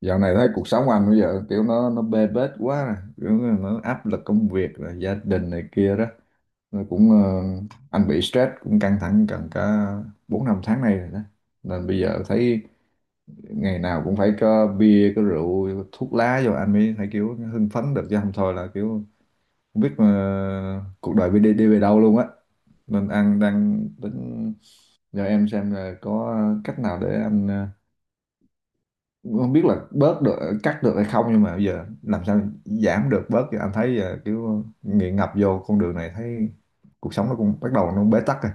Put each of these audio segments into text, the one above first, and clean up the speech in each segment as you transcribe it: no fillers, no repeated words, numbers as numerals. Dạo này thấy cuộc sống anh bây giờ kiểu nó bê bết quá nè, kiểu nó áp lực công việc rồi gia đình này kia đó. Nó cũng anh bị stress, cũng căng thẳng gần cả 4-5 tháng nay rồi đó. Nên bây giờ thấy ngày nào cũng phải có bia có rượu thuốc lá vô anh mới thấy kiểu hưng phấn được, chứ không thôi là kiểu không biết mà cuộc đời đi đi về đâu luôn á. Nên anh đang tính nhờ em xem là có cách nào để anh không biết là bớt được, cắt được hay không, nhưng mà bây giờ làm sao giảm được bớt, thì anh thấy giờ kiểu nghiện ngập vô con đường này, thấy cuộc sống nó cũng bắt đầu nó bế tắc rồi.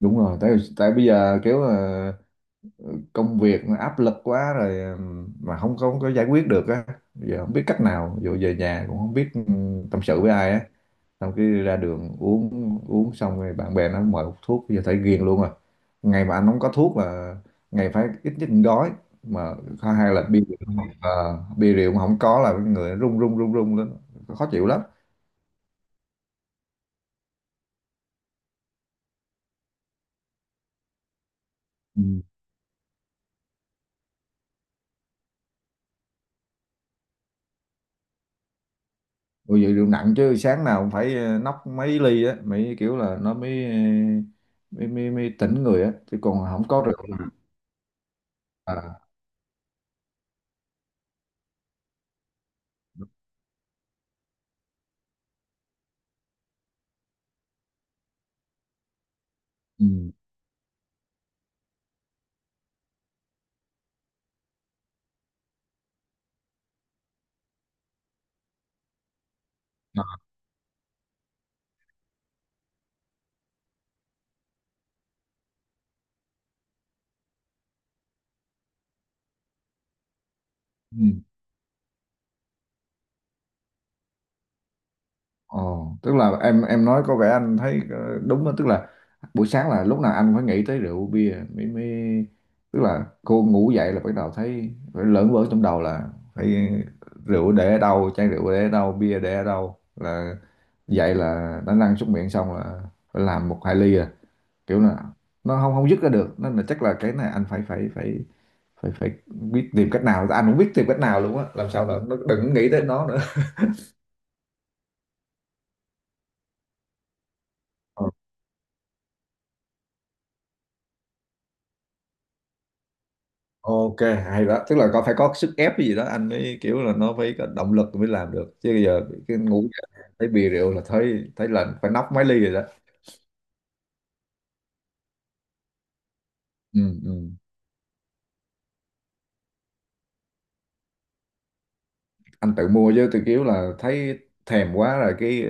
Đúng rồi, tại tại bây giờ kiểu công việc áp lực quá rồi, mà không không có giải quyết được á. Giờ không biết cách nào, dù về nhà cũng không biết tâm sự với ai á. Xong cái ra đường uống uống xong rồi bạn bè nó mời hút thuốc, giờ thấy ghiền luôn rồi. Ngày mà anh không có thuốc là ngày phải ít nhất một gói mà. Có, hay là bia rượu. ờ, Bia rượu mà không có là cái người run run run run lên, khó chịu lắm. Ôi vậy rượu nặng chứ, sáng nào cũng phải nóc mấy ly á, mấy kiểu là nó mới mới tỉnh người á, chứ còn không có rượu là. À, ừ. À, ừ. Ồ, tức là em nói có vẻ anh thấy đúng đó. Tức là buổi sáng là lúc nào anh phải nghĩ tới rượu bia mới mới. Tức là cô ngủ dậy là bắt đầu thấy phải lởn vởn trong đầu là phải rượu để ở đâu, chai rượu để ở đâu, bia để ở đâu, là dậy là đã lăn xuống miệng xong là phải làm 1-2 ly à. Kiểu là nó không không dứt ra được, nên là chắc là cái này anh phải phải phải biết tìm cách nào, anh cũng biết tìm cách nào luôn á, làm sao là nó đừng nghĩ tới nó nữa. Ờ, ok. Hay đó, tức là có phải có sức ép gì đó anh mới kiểu là nó phải có động lực mới làm được, chứ bây giờ cái ngủ dậy thấy bia rượu là thấy thấy là phải nóc mấy ly rồi đó. Ừ, ừ. Anh tự mua chứ, tự kiểu là thấy thèm quá rồi cái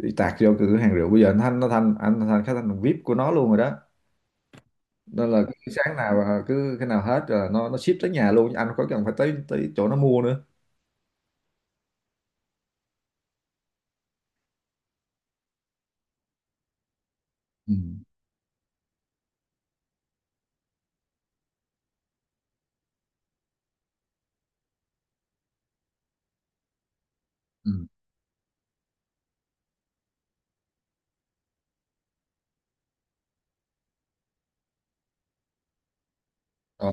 tạt vô cửa hàng rượu, bây giờ anh thanh nó thanh anh thanh khách thanh VIP của nó luôn rồi đó. Nên là cứ sáng nào cứ cái nào hết rồi nó ship tới nhà luôn, anh không có cần phải tới tới chỗ nó mua nữa. Ừ. Ừ. Ờ.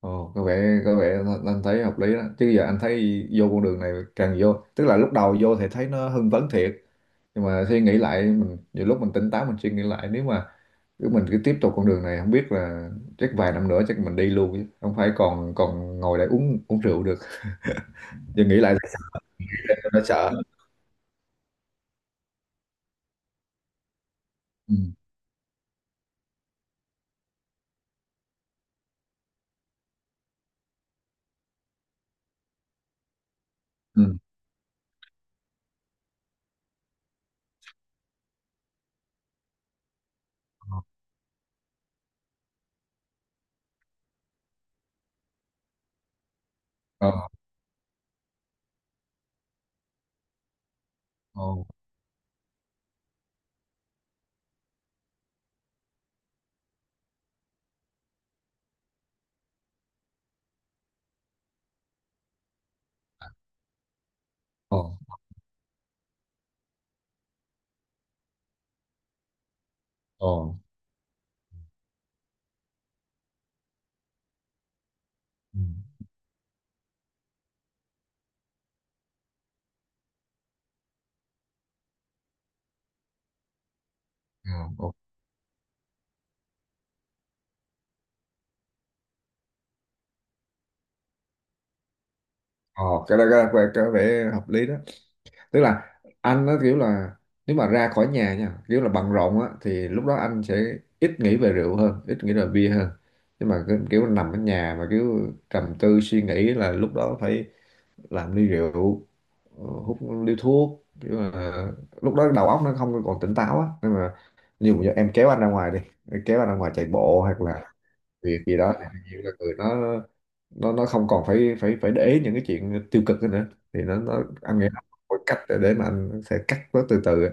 Ồ, có vẻ anh thấy hợp lý đó, chứ giờ anh thấy vô con đường này, càng vô tức là lúc đầu vô thì thấy nó hưng phấn thiệt, nhưng mà suy nghĩ lại, mình nhiều lúc mình tỉnh táo mình suy nghĩ lại, nếu mà cứ mình cứ tiếp tục con đường này không biết là chắc vài năm nữa chắc mình đi luôn, chứ không phải còn còn ngồi đây uống uống rượu được. Giờ nghĩ lại thì đã sợ. Ừ. Ừ. Ờ, ờ, ờ, ờ. Ừ. À, ồ. Ồ, cái đó, có vẻ hợp lý đó. Tức là anh nó kiểu là nếu mà ra khỏi nhà nha, kiểu là bận rộn á, thì lúc đó anh sẽ ít nghĩ về rượu hơn, ít nghĩ về bia hơn. Nhưng mà kiểu nằm ở nhà mà kiểu trầm tư suy nghĩ là lúc đó phải làm ly rượu, hút ly thuốc, kiểu là lúc đó đầu óc nó không còn tỉnh táo á. Nhưng mà nhiều giờ em kéo anh ra ngoài đi, kéo anh ra ngoài chạy bộ hoặc là việc gì đó, thì nhiều là người nó không còn phải phải phải để ý những cái chuyện tiêu cực đó nữa, thì nó anh nghĩ nó có cách để mà anh sẽ cắt nó từ từ á.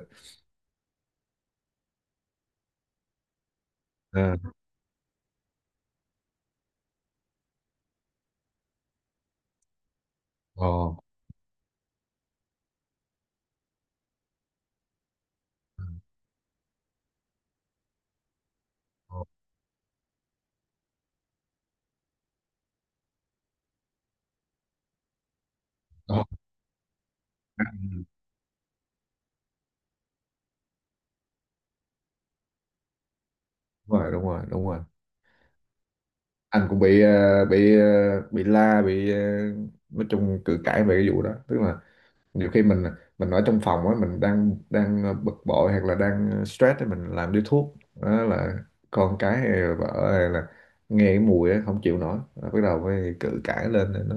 À. Ồ. Ồ. Ồ. Đúng rồi, đúng rồi, đúng rồi. Anh cũng bị bị bị la, bị nói chung cự cãi về cái vụ đó. Tức là nhiều khi mình ở trong phòng á, mình đang đang bực bội hoặc là đang stress thì mình làm điếu thuốc, đó là con cái hay là vợ hay là nghe cái mùi á không chịu nổi. Rồi bắt đầu mới cự cãi lên, nó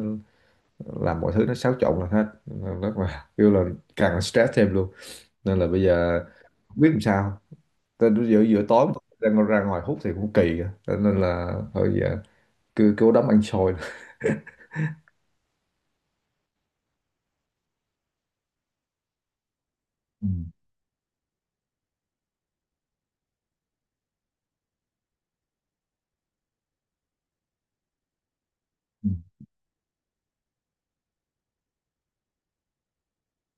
làm mọi thứ nó xáo trộn lên hết. Nên rất là kêu là càng là stress thêm luôn. Nên là bây giờ không biết làm sao. Tại giữa giữa tối đang ra ngoài hút thì cũng kỳ á. Cho nên là thôi giờ cứ cứ đấm ăn xôi. Ừ. Ừ.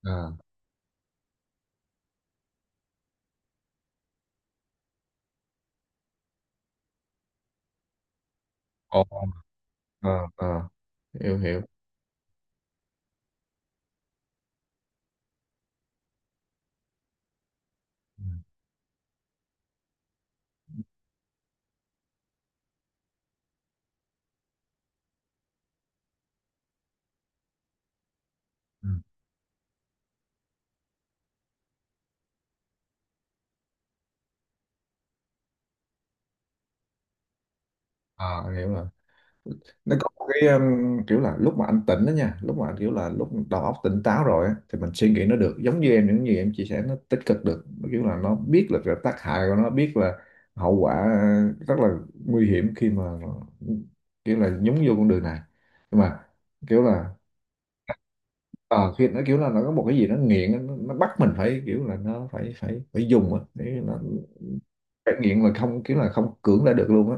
À. Ồ. À. À, hiểu hiểu. Ừ. Ừ. À, hiểu rồi. Nó có một cái kiểu là lúc mà anh tỉnh đó nha, lúc mà anh kiểu là lúc đầu óc tỉnh táo rồi á, thì mình suy nghĩ nó được giống như em, những gì em chia sẻ nó tích cực được. Nó kiểu là nó biết là cái tác hại của nó, biết là hậu quả rất là nguy hiểm khi mà kiểu là nhúng vô con đường này. Nhưng mà kiểu là ờ khi nó kiểu là nó có một cái gì nó nghiện nó, bắt mình phải kiểu là nó phải phải phải dùng á, để nó phải nghiện mà không kiểu là không cưỡng lại được luôn á.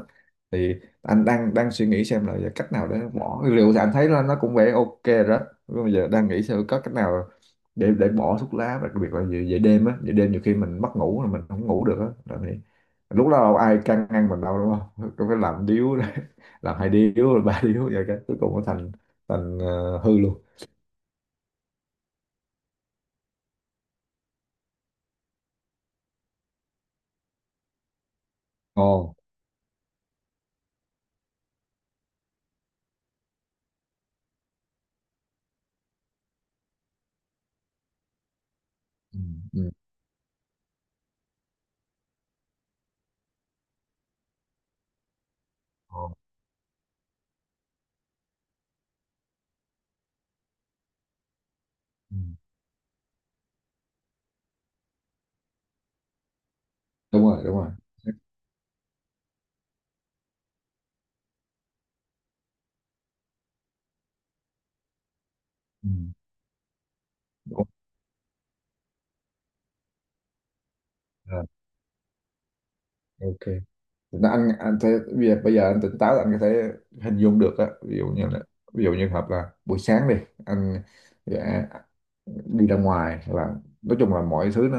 Thì anh đang đang suy nghĩ xem là giờ cách nào để bỏ liệu, thì anh thấy là nó cũng vẻ ok rồi đó. Nhưng mà giờ đang nghĩ xem có cách nào để bỏ thuốc lá, đặc biệt là về, về đêm á, về đêm nhiều khi mình mất ngủ là mình không ngủ được á là thì lúc đó đâu ai can ngăn mình đâu, đúng không? Cứ phải làm điếu làm 2 điếu rồi 3 điếu vậy, cái cuối cùng nó thành thành ờ, hư luôn. Ngon. Ừ, ừ. Ờ, ừ. Đúng rồi, đúng rồi. Ừ. Đúng rồi. Ờ, ok. Nó anh thấy bây giờ anh tỉnh táo là anh có thể hình dung được á, ví dụ như hợp là buổi sáng đi, anh dạ, đi ra ngoài là nói chung là mọi thứ nó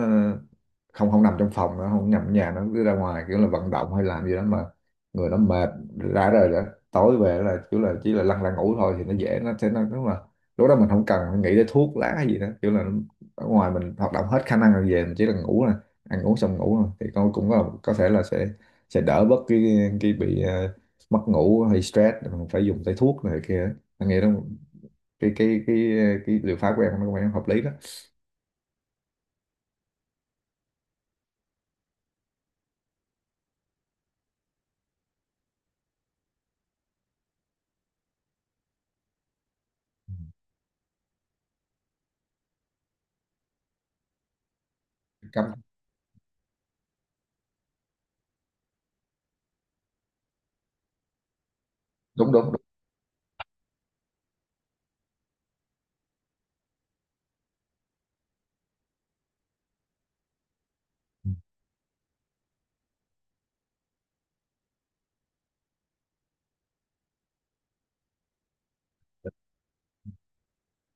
không không nằm trong phòng, nó không nằm ở nhà, nó cứ ra ngoài kiểu là vận động hay làm gì đó mà người nó mệt rã rời đó. Tối về là kiểu là chỉ là lăn ra ngủ thôi, thì nó dễ, nó sẽ nó đúng là lúc đó mình không cần phải nghĩ tới thuốc lá hay gì đó, kiểu là ở ngoài mình hoạt động hết khả năng rồi, về mình chỉ là ngủ nè, ăn uống xong ngủ thôi, thì con cũng có thể là sẽ đỡ bớt cái bị mất ngủ hay stress, mình phải dùng tới thuốc này kia. Anh nghĩ đó, cái cái liệu pháp của em nó cũng hợp lý đó. Cấm. Đúng, đúng, đúng.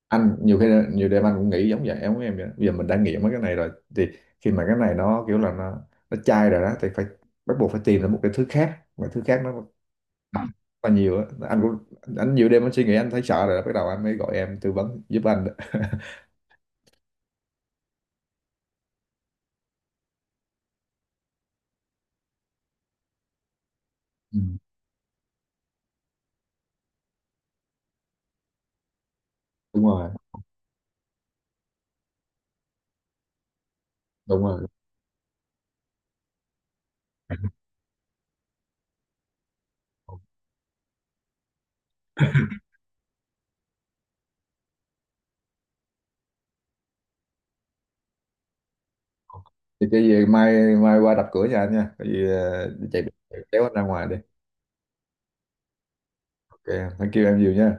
Anh nhiều khi, nhiều đêm anh cũng nghĩ giống vậy, em của em vậy đó. Bây giờ mình đã nghiện mấy cái này rồi, thì khi mà cái này nó kiểu là nó chai rồi đó, thì phải bắt buộc phải tìm ra một cái thứ khác, một cái thứ khác nó là nhiều á. Anh cũng anh nhiều đêm anh suy nghĩ, anh thấy sợ rồi đó, bắt đầu anh mới gọi em tư vấn giúp anh đó. Ừ, đúng rồi, đúng rồi. Thì cái gì mai mai qua đập cửa nhà anh nha, cái gì chạy chạy kéo anh ra ngoài đi. Ok, thank you em nhiều nha.